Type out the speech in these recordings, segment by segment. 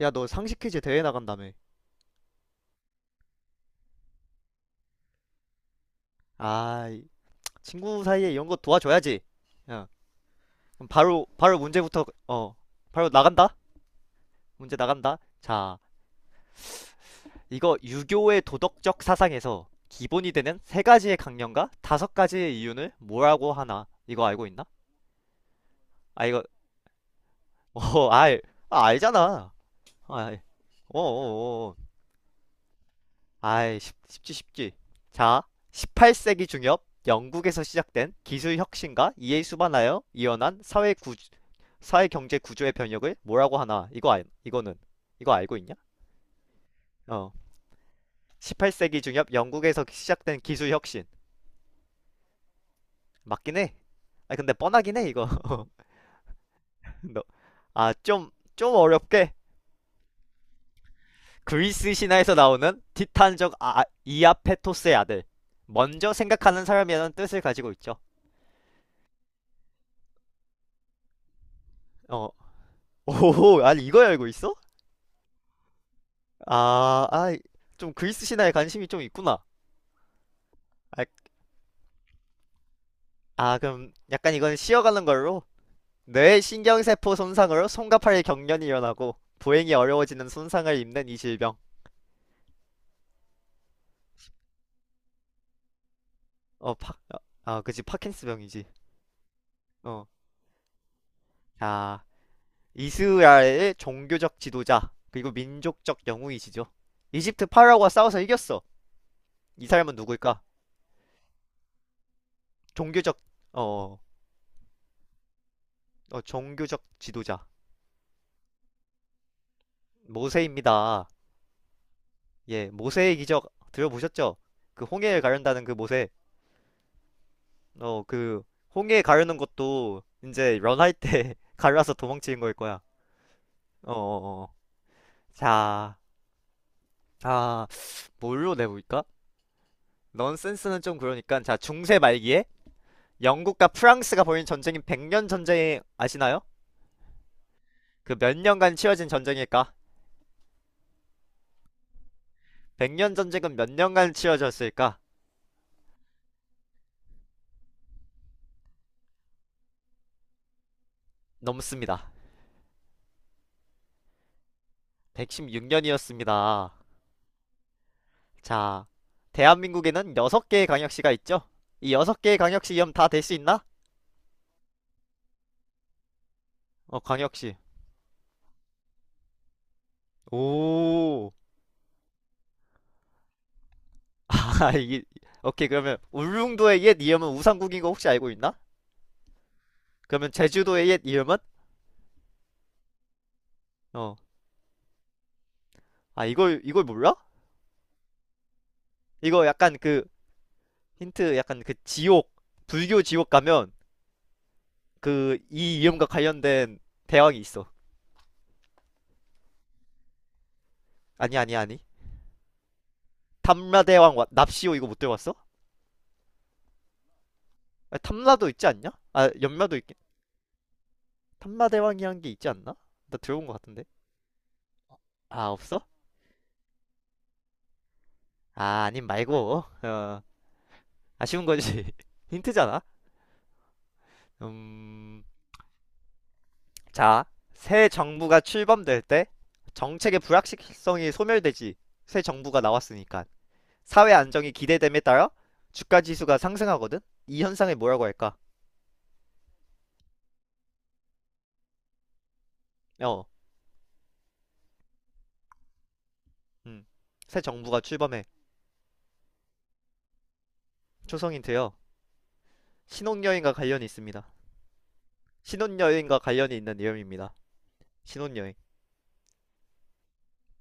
야, 너 상식 퀴즈 대회 나간다며. 아, 친구 사이에 이런 거 도와줘야지. 야, 그럼 바로 문제부터, 바로 나간다? 문제 나간다? 자, 이거 유교의 도덕적 사상에서 기본이 되는 세 가지의 강령과 다섯 가지의 이윤을 뭐라고 하나? 이거 알고 있나? 아, 이거, 어, 알, 아, 알잖아. 아, 어, 어, 어. 어. 아이, 쉽지, 쉽지. 자, 18세기 중엽 영국에서 시작된 기술 혁신과 이에 수반하여 이어난 사회 경제 구조의 변혁을 뭐라고 하나? 이거 알, 이거는 이거 알고 있냐? 어. 18세기 중엽 영국에서 시작된 기술 혁신. 맞긴 해. 아, 근데 뻔하긴 해 이거. 너, 아, 좀, 좀 어렵게. 그리스 신화에서 나오는 티탄족, 이아페토스의 아들. 먼저 생각하는 사람이라는 뜻을 가지고 있죠. 어. 오, 아니, 이걸 알고 있어? 아, 아, 좀 그리스 신화에 관심이 좀 있구나. 아, 그럼 약간 이건 쉬어가는 걸로. 뇌 신경세포 손상으로 손과 팔의 경련이 일어나고 보행이 어려워지는 손상을 입는 이 질병. 어, 파, 아, 아, 그지 파킨스병이지. 어, 자, 이스라엘의 종교적 지도자 그리고 민족적 영웅이시죠. 이집트 파라오와 싸워서 이겼어. 이 사람은 누구일까? 종교적. 어, 어 종교적 지도자. 모세입니다. 예, 모세의 기적 들어보셨죠? 그 홍해를 가른다는 그 모세. 어, 그, 홍해 가르는 것도 이제 런할 때 갈라서 도망치는 거일 거야. 어, 어, 어. 자, 아, 뭘로 내볼까? 넌센스는 좀 그러니까, 자, 중세 말기에 영국과 프랑스가 벌인 전쟁인 백년 전쟁 아시나요? 그 몇 년간 치러진 전쟁일까? 백년 전쟁은 몇 년간 치러졌을까? 넘습니다. 116년이었습니다. 자, 대한민국에는 6개의 광역시가 있죠? 이 6개의 광역시 이름 다될 수 있나? 어, 광역시. 오, 아, 이게, 오케이, 그러면 울릉도의 옛 이름은 우산국인 거 혹시 알고 있나? 그러면 제주도의 옛 이름은? 어. 아, 이걸 몰라? 이거 약간 그, 힌트, 약간 그 지옥, 불교 지옥 가면, 그, 이 이름과 관련된 대왕이 있어. 아니, 아니, 아니. 탐라대왕, 납시오, 이거 못 들어봤어? 아, 탐라도 있지 않냐? 아, 연마도 있긴. 탐라대왕이란 게 있지 않나? 나 들어본 것 같은데. 아, 없어? 아, 아님 말고. 어, 아쉬운 거지. 힌트잖아? 음. 자, 새 정부가 출범될 때 정책의 불확실성이 소멸되지, 새 정부가 나왔으니까 사회 안정이 기대됨에 따라 주가 지수가 상승하거든. 이 현상을 뭐라고 할까? 어, 음, 새 정부가 출범해. 초성인되요. 신혼여행과 관련이 있습니다. 신혼여행과 관련이 있는 내용입니다. 신혼여행.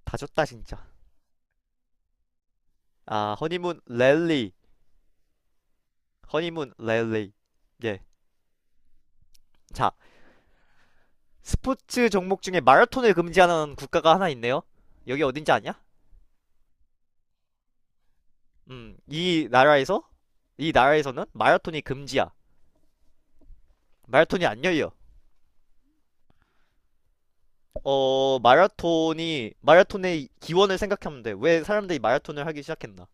다 줬다 진짜. 아, 허니문 랠리, 허니문 랠리. 예, 자, 스포츠 종목 중에 마라톤을 금지하는 국가가 하나 있네요. 여기 어딘지 아냐? 음, 이 나라에서 이 나라에서는 마라톤이 금지야. 마라톤이 안 열려. 어, 마라톤이 마라톤의 기원을 생각하면 돼. 왜 사람들이 마라톤을 하기 시작했나?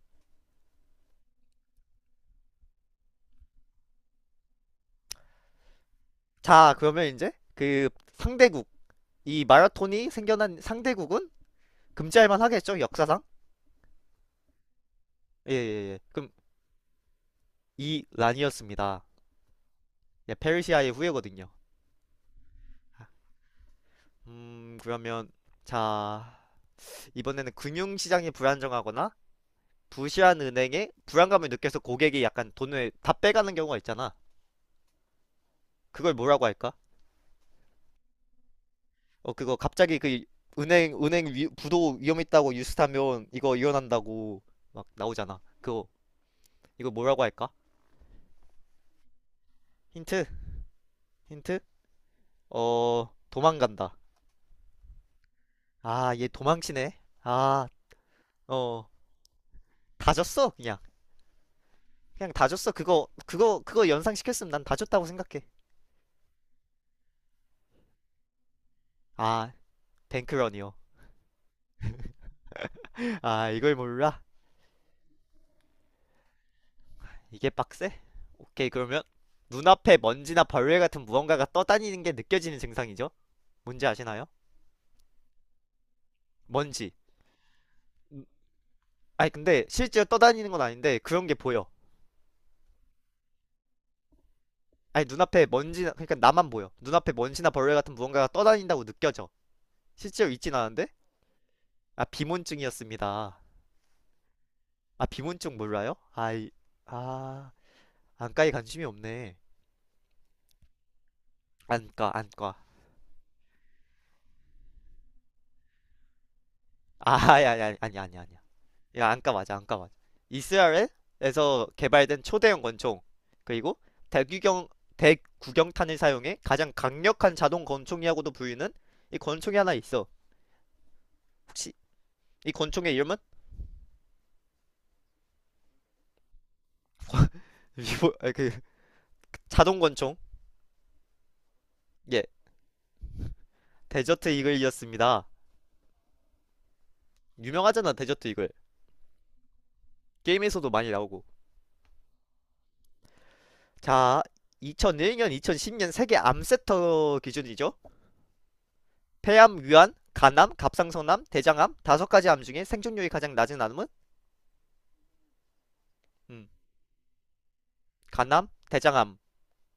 자, 그러면 이제 그 상대국 이 마라톤이 생겨난 상대국은 금지할 만하겠죠? 역사상? 예, 예, 예. 그럼 이 란이었습니다. 예, 페르시아의 후예거든요. 그러면 자, 이번에는 금융시장이 불안정하거나 부실한 은행에 불안감을 느껴서 고객이 약간 돈을 다 빼가는 경우가 있잖아. 그걸 뭐라고 할까? 어, 그거 갑자기 그 부도 위험 있다고 뉴스타면 이거 이혼한다고 막 나오잖아. 이거 뭐라고 할까? 힌트? 힌트? 어, 도망간다. 아, 얘 도망치네. 아, 어, 다 줬어, 그냥. 그냥 다 줬어. 그거, 그거, 그거 연상시켰으면 난 다 줬다고 생각해. 아, 뱅크런이요. 아, 이걸 몰라? 이게 빡세? 오케이, 그러면 눈앞에 먼지나 벌레 같은 무언가가 떠다니는 게 느껴지는 증상이죠? 뭔지 아시나요? 먼지. 아니, 근데 실제로 떠다니는 건 아닌데 그런 게 보여. 아니, 눈앞에 먼지나, 그러니까 나만 보여. 눈앞에 먼지나 벌레 같은 무언가가 떠다닌다고 느껴져. 실제로 있진 않은데? 아, 비문증이었습니다. 아, 비문증 몰라요? 아이. 아, 안과에 관심이 없네. 안과, 안과. 아아 아니, 아니, 아니, 아니, 아니야. 야, 안과 맞아, 안과 맞아. 이스라엘에서 개발된 초대형 권총, 그리고 대규경 대구경탄을 사용해 가장 강력한 자동 권총이라고도 불리는 이 권총이 하나 있어. 혹시 이 권총의 이름은, 리보 아 그 자동 권총. 예, 데저트 이글이었습니다. 유명하잖아 데저트 이글. 게임에서도 많이 나오고. 자, 2001년, 2010년 세계 암센터 기준이죠. 폐암, 위암, 간암, 갑상선암, 대장암 다섯 가지 암 중에 생존율이 가장 낮은 암은, 음, 간암, 대장암.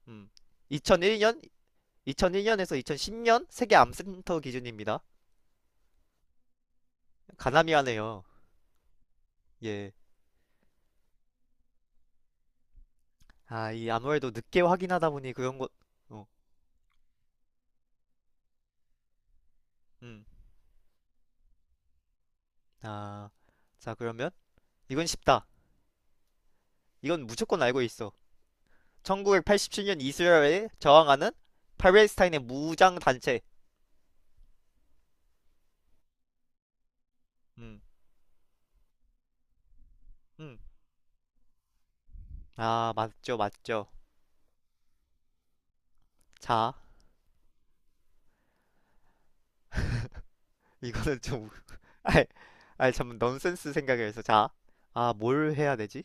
음. 2001년, 2001년에서 2010년 세계 암센터 기준입니다. 간암이하네요. 예. 아, 이 아무래도 늦게 확인하다 보니 그런 것, 어, 음. 아, 자, 그러면 이건 쉽다. 이건 무조건 알고 있어. 1987년 이스라엘에 저항하는 팔레스타인의 무장 단체. 음, 음. 아, 맞죠, 맞죠. 자, 이거는 좀, 아이, 참, 넌센스 생각을 해서. 자, 뭘 해야 되지?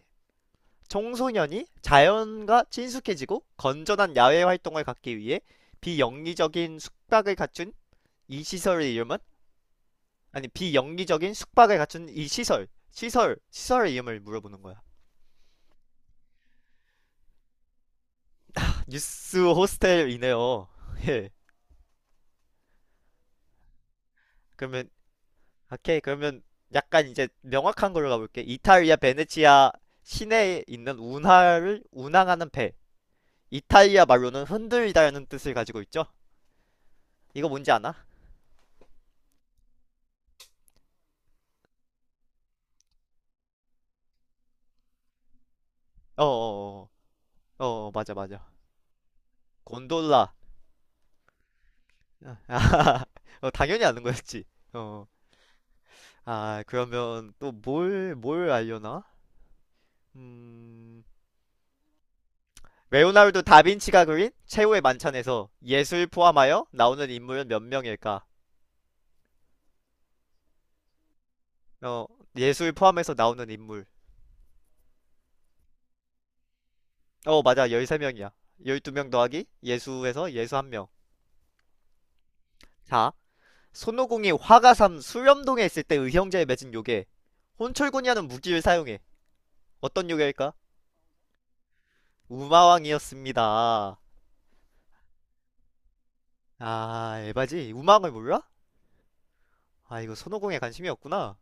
청소년이 자연과 친숙해지고 건전한 야외 활동을 갖기 위해 비영리적인 숙박을 갖춘 이 시설의 이름은. 아니, 비영리적인 숙박을 갖춘 이 시설의 이름을 물어보는 거야. 뉴스 호스텔이네요. 예. 그러면, 오케이, 그러면 약간 이제 명확한 걸로 가볼게. 이탈리아 베네치아 시내에 있는 운하를 운항하는 배, 이탈리아 말로는 흔들리다라는 뜻을 가지고 있죠. 이거 뭔지 아나? 어어어 어, 어, 어, 어, 맞아, 맞아. 곤돌라. 어, 당연히 아는 거였지. 어. 아, 그러면 또 뭘 알려나? 음. 레오나르도 다빈치가 그린 최후의 만찬에서 예술 포함하여 나오는 인물은 몇 명일까? 어, 예술 포함해서 나오는 인물. 어, 맞아. 13명이야. 12명 더하기 예수에서 예수 한명. 자, 손오공이 화가삼 수렴동에 있을 때 의형제에 맺은 요괴. 혼철군이 하는 무기를 사용해. 어떤 요괴일까? 우마왕이었습니다. 아, 에바지? 우마왕을 몰라? 아, 이거 손오공에 관심이 없구나.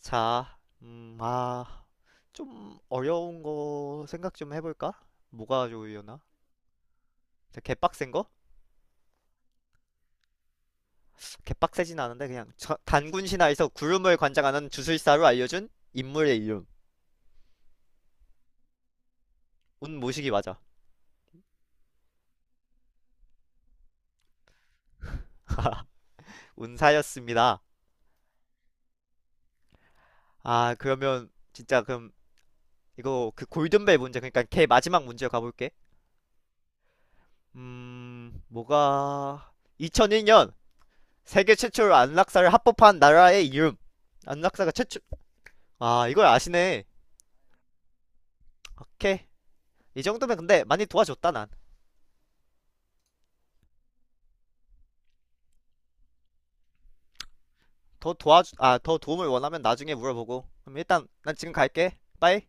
자, 좀 어려운 거 생각 좀 해볼까? 뭐가 좋으려나? 개빡센 거? 개빡세진 않은데 그냥 단군 신화에서 구름을 관장하는 주술사로 알려준 인물의 이름. 운 모시기 맞아. 운사였습니다. 아, 그러면 진짜, 그럼 이거 그 골든벨 문제, 그러니까 걔 마지막 문제 가볼게. 뭐가 2001년 세계 최초로 안락사를 합법한 나라의 이름. 안락사가 최초. 아, 이걸 아시네. 오케이. 이 정도면 근데 많이 도와줬다 난. 더 도와주, 아, 더 도움을 원하면 나중에 물어보고. 그럼 일단 난 지금 갈게. 빠이.